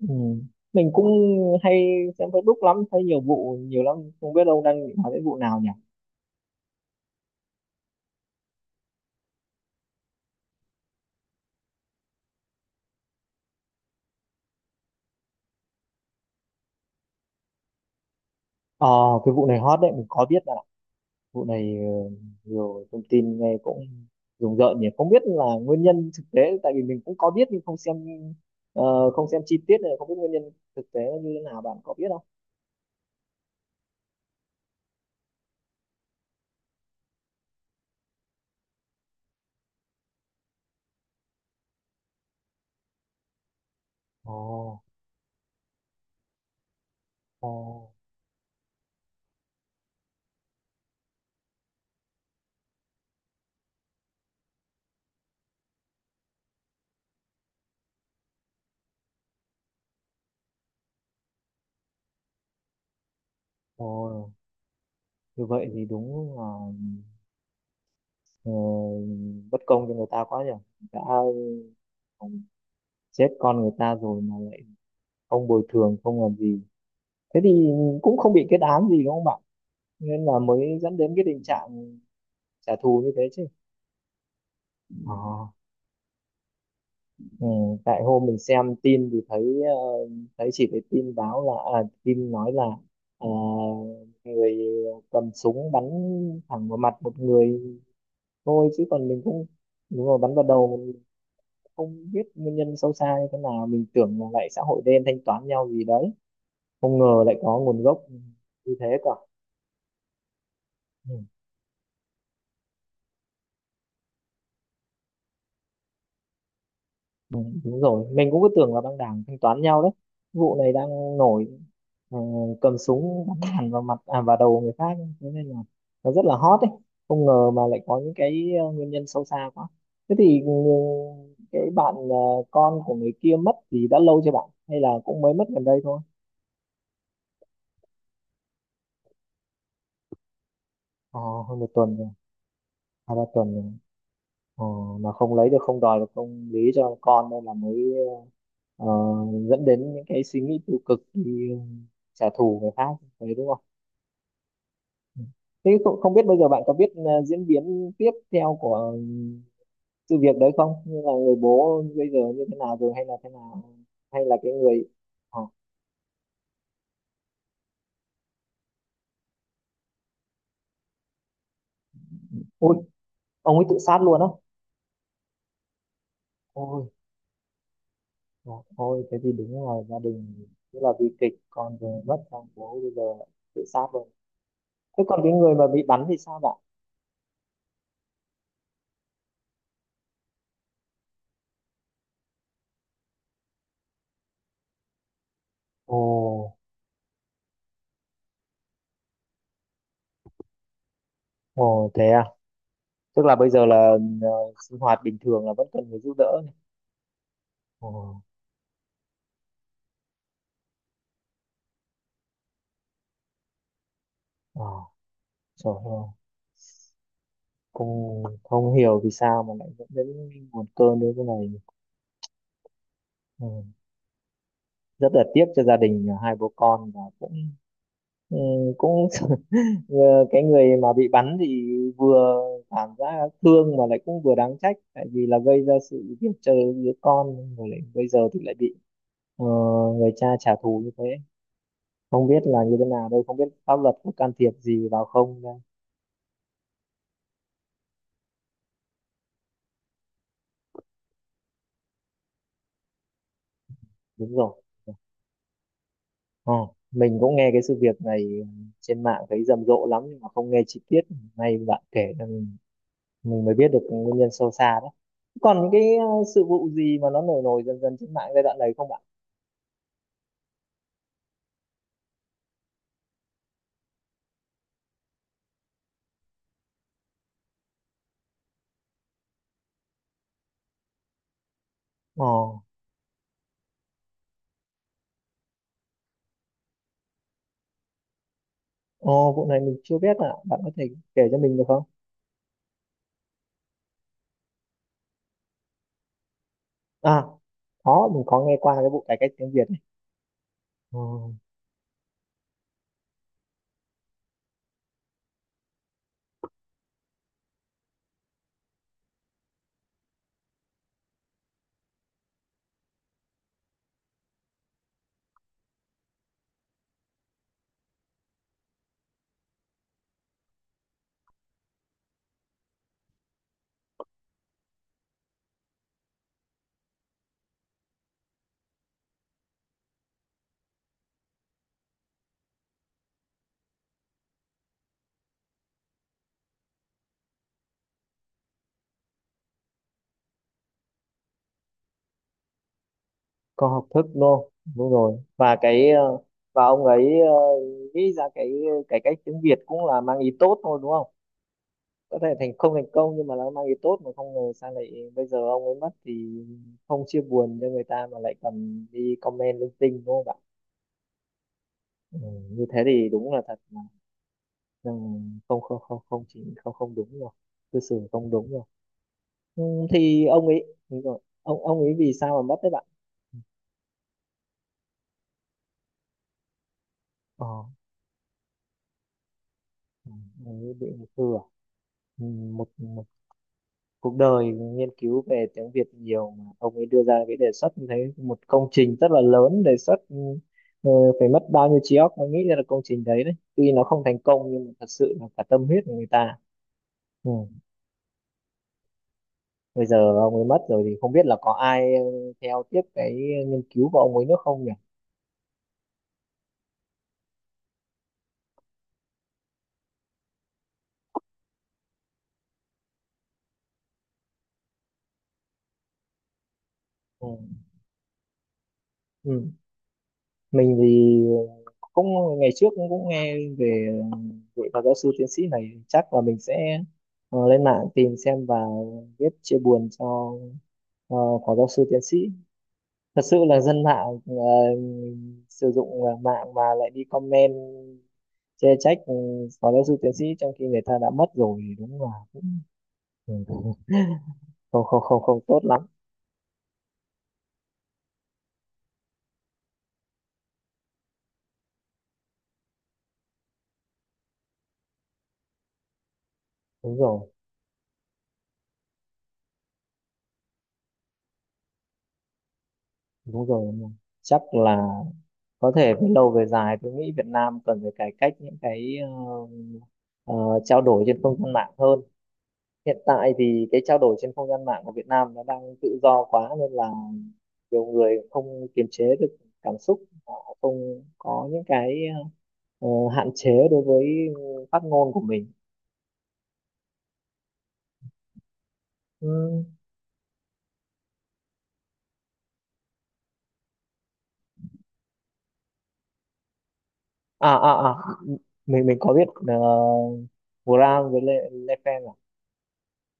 Ừ. Mình cũng hay xem Facebook lắm, thấy nhiều vụ nhiều lắm, không biết ông đang định hỏi đến vụ nào nhỉ? Ờ, cái vụ này hot đấy, mình có biết là vụ này nhiều thông tin nghe cũng rùng rợn nhỉ, không biết là nguyên nhân thực tế, tại vì mình cũng có biết nhưng không xem chi tiết này, không biết nguyên nhân thực tế như thế nào, bạn có biết không? Ồ. Ồ. Ồ, như vậy thì đúng là ờ, bất công cho người ta quá nhỉ, đã chết con người ta rồi mà không bồi thường không làm gì, thế thì cũng không bị kết án gì, đúng không bạn? Nên là mới dẫn đến cái tình trạng trả thù như thế chứ. Ờ. ừ, Tại hôm mình xem tin thì thấy chỉ thấy tin báo là, tin nói là, ờ, người cầm súng bắn thẳng vào mặt một người thôi, chứ còn mình cũng. Đúng rồi, bắn vào đầu. Mình không biết nguyên nhân sâu xa như thế nào, mình tưởng là lại xã hội đen thanh toán nhau gì đấy, không ngờ lại có nguồn gốc như thế cả. Ừ. Ừ, đúng rồi, mình cũng cứ tưởng là băng đảng thanh toán nhau đấy, vụ này đang nổi, ờ, cầm súng bắn thẳng vào mặt, à, vào đầu người khác, thế nên là nó rất là hot đấy, không ngờ mà lại có những cái nguyên nhân sâu xa quá. Thế thì cái bạn, con của người kia mất thì đã lâu chưa bạn, hay là cũng mới mất gần đây thôi? ờ, Hơn một tuần rồi, hai ba tuần rồi, ờ, mà không lấy được, không đòi được, không lý cho con, nên là mới ờ, dẫn đến những cái suy nghĩ tiêu cực, đi trả thù người khác đấy, đúng không? Thế không, không biết bây giờ bạn có biết diễn biến tiếp theo của sự việc đấy không, như là người bố bây giờ như thế nào rồi, hay là thế nào, hay là cái người. à, Ui, ông ấy tự sát luôn á? Ôi. Dạ, ôi thế thì đúng là gia đình rất là bi kịch, con vừa mất xong bố bây giờ lại tự sát luôn. Thế còn cái người mà bị bắn thì sao bạn? Ồ. Ồ thế à? Tức là bây giờ là ờ, sinh hoạt bình thường là vẫn cần người giúp đỡ này. Ồ. ờ, Trời ơi, cũng không hiểu vì sao mà lại dẫn đến nguồn cơn đến cái này. Ừ. Rất là tiếc cho gia đình hai bố con, và cũng ừ, cũng ờ, cái người mà bị bắn thì vừa cảm giác thương mà lại cũng vừa đáng trách, tại vì là gây ra sự việc chơi đứa con, rồi lại bây giờ thì lại bị ờ, người cha trả thù như thế. Không biết là như thế nào đây, không biết pháp luật có can thiệp gì vào không đây. Đúng rồi. Ờ, mình cũng nghe cái sự việc này trên mạng thấy rầm rộ lắm, nhưng mà không nghe chi tiết, nay bạn kể là mình mới biết được nguyên nhân sâu xa đấy. Còn những cái sự vụ gì mà nó nổi nổi dần dần trên mạng giai đoạn này không bạn? ờ ờ Vụ này mình chưa biết, à bạn có thể kể cho mình được không? À, có, mình có nghe qua cái vụ cải cách tiếng Việt ấy. Ờ, có học thức đô, đúng rồi. Và và ông ấy nghĩ ra cái cải cách tiếng Việt cũng là mang ý tốt thôi, đúng không? Có thể thành không thành công nhưng mà nó mang ý tốt, mà không ngờ sao lại bây giờ ông ấy mất thì không chia buồn cho người ta mà lại còn đi comment linh tinh, đúng không ạ? ừ, Như thế thì đúng là thật là không không không không chỉ không không, đúng rồi, cư xử không đúng rồi. Ừ, thì ông ấy đúng rồi, ông ấy vì sao mà mất đấy bạn? ờ ừ, ông ấy bị ung thư à? Ừ, một cuộc đời nghiên cứu về tiếng Việt nhiều mà ông ấy đưa ra cái đề xuất như thế, một công trình rất là lớn, đề xuất, ờ, phải mất bao nhiêu trí óc mới nghĩ ra được công trình đấy đấy, tuy nó không thành công nhưng mà thật sự là cả tâm huyết của người ta. Ừ. Bây giờ ông ấy mất rồi thì không biết là có ai theo tiếp cái nghiên cứu của ông ấy nữa không nhỉ? Ừ. Ừ. Mình thì cũng ngày trước cũng nghe về vị phó giáo sư tiến sĩ này, chắc là mình sẽ lên mạng tìm xem và viết chia buồn cho Ờ, phó giáo sư tiến sĩ. Thật sự là dân mạng sử dụng mạng mà lại đi comment chê trách phó giáo sư tiến sĩ trong khi người ta đã mất rồi thì đúng là cũng ừ, không không không không tốt lắm. Đúng rồi. Đúng rồi. Đúng rồi. Chắc là có thể về lâu về dài tôi nghĩ Việt Nam cần phải cải cách những cái ờ, trao đổi trên không gian mạng hơn. Hiện tại thì cái trao đổi trên không gian mạng của Việt Nam nó đang tự do quá, nên là nhiều người không kiềm chế được cảm xúc, họ không có những cái ờ, hạn chế đối với phát ngôn của mình. Ừ. À, à, à, mình có biết, Graham với Le Pen à?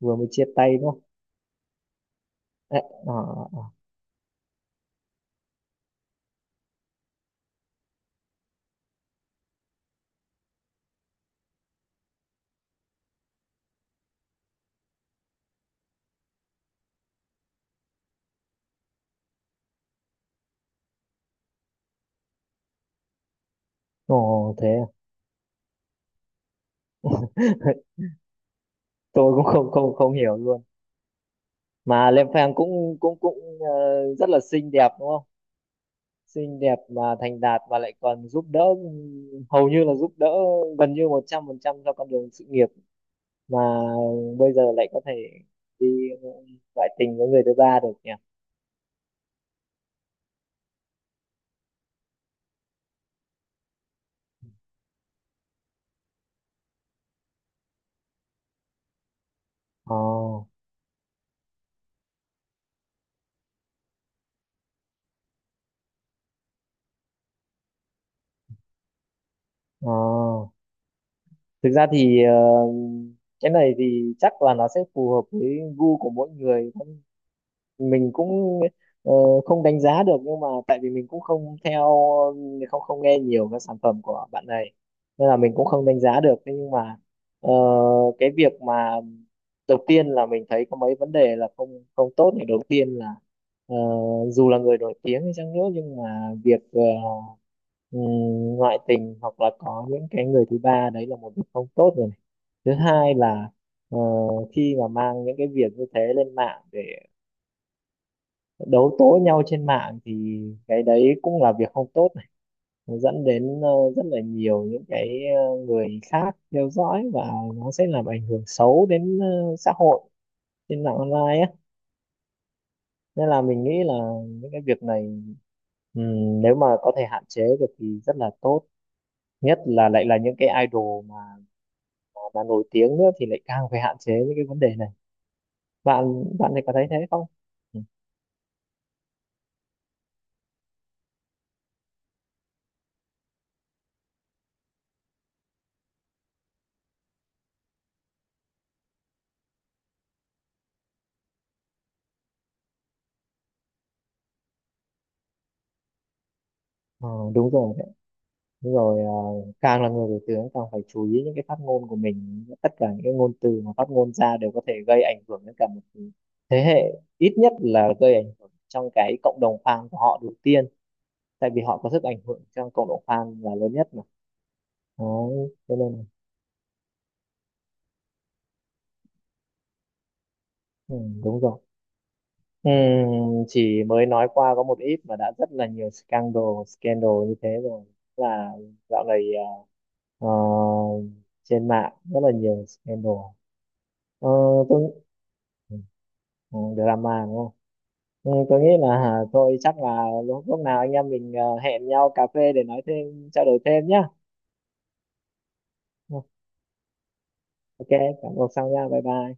Vừa mới chia tay đúng không? À, à, à. Ồ, thế à? Tôi cũng không không không hiểu luôn. Mà Le Pen cũng cũng cũng ờ, rất là xinh đẹp đúng không? Xinh đẹp mà thành đạt và lại còn giúp đỡ, hầu như là giúp đỡ gần như 100% cho con đường sự nghiệp, mà bây giờ lại có thể đi ngoại tình với người thứ ba được nhỉ? ờ ờ Thực ra thì cái này thì chắc là nó sẽ phù hợp với gu của mỗi người, mình cũng ờ, không đánh giá được. Nhưng mà tại vì mình cũng không theo, không không nghe nhiều các sản phẩm của bạn này, nên là mình cũng không đánh giá được. Thế nhưng mà ờ, cái việc mà đầu tiên là mình thấy có mấy vấn đề là không không tốt này. Đầu tiên là ờ, dù là người nổi tiếng hay chăng nữa nhưng mà việc ừm, ngoại tình hoặc là có những cái người thứ ba đấy là một việc không tốt rồi này. Thứ hai là ờ, khi mà mang những cái việc như thế lên mạng để đấu tố nhau trên mạng thì cái đấy cũng là việc không tốt này, nó dẫn đến rất là nhiều những cái người khác theo dõi và nó sẽ làm ảnh hưởng xấu đến xã hội trên mạng online á. Nên là mình nghĩ là những cái việc này, nếu mà có thể hạn chế được thì rất là tốt, nhất là lại là những cái idol mà mà nổi tiếng nữa thì lại càng phải hạn chế những cái vấn đề này. Bạn bạn thì có thấy thế không? Ừ. Ờ, đúng rồi. Đúng rồi, à, càng là người nổi tiếng càng phải chú ý những cái phát ngôn của mình, tất cả những cái ngôn từ mà phát ngôn ra đều có thể gây ảnh hưởng đến cả một thế hệ, ít nhất là gây ảnh hưởng trong cái cộng đồng fan của họ đầu tiên, tại vì họ có sức ảnh hưởng trong cộng đồng fan là lớn nhất mà. Đó cho nên là- ừ, đúng rồi. Ừ, chỉ mới nói qua có một ít mà đã rất là nhiều scandal scandal như thế rồi, là dạo này à, ờ, trên mạng rất là nhiều scandal. Ờ, tôi ừ, drama đúng không? Ừ, tôi nghĩ là, thôi chắc là lúc nào anh em mình hẹn nhau cà phê để nói thêm trao đổi thêm nhá. Ừ, ok cảm ơn xong nha bye bye.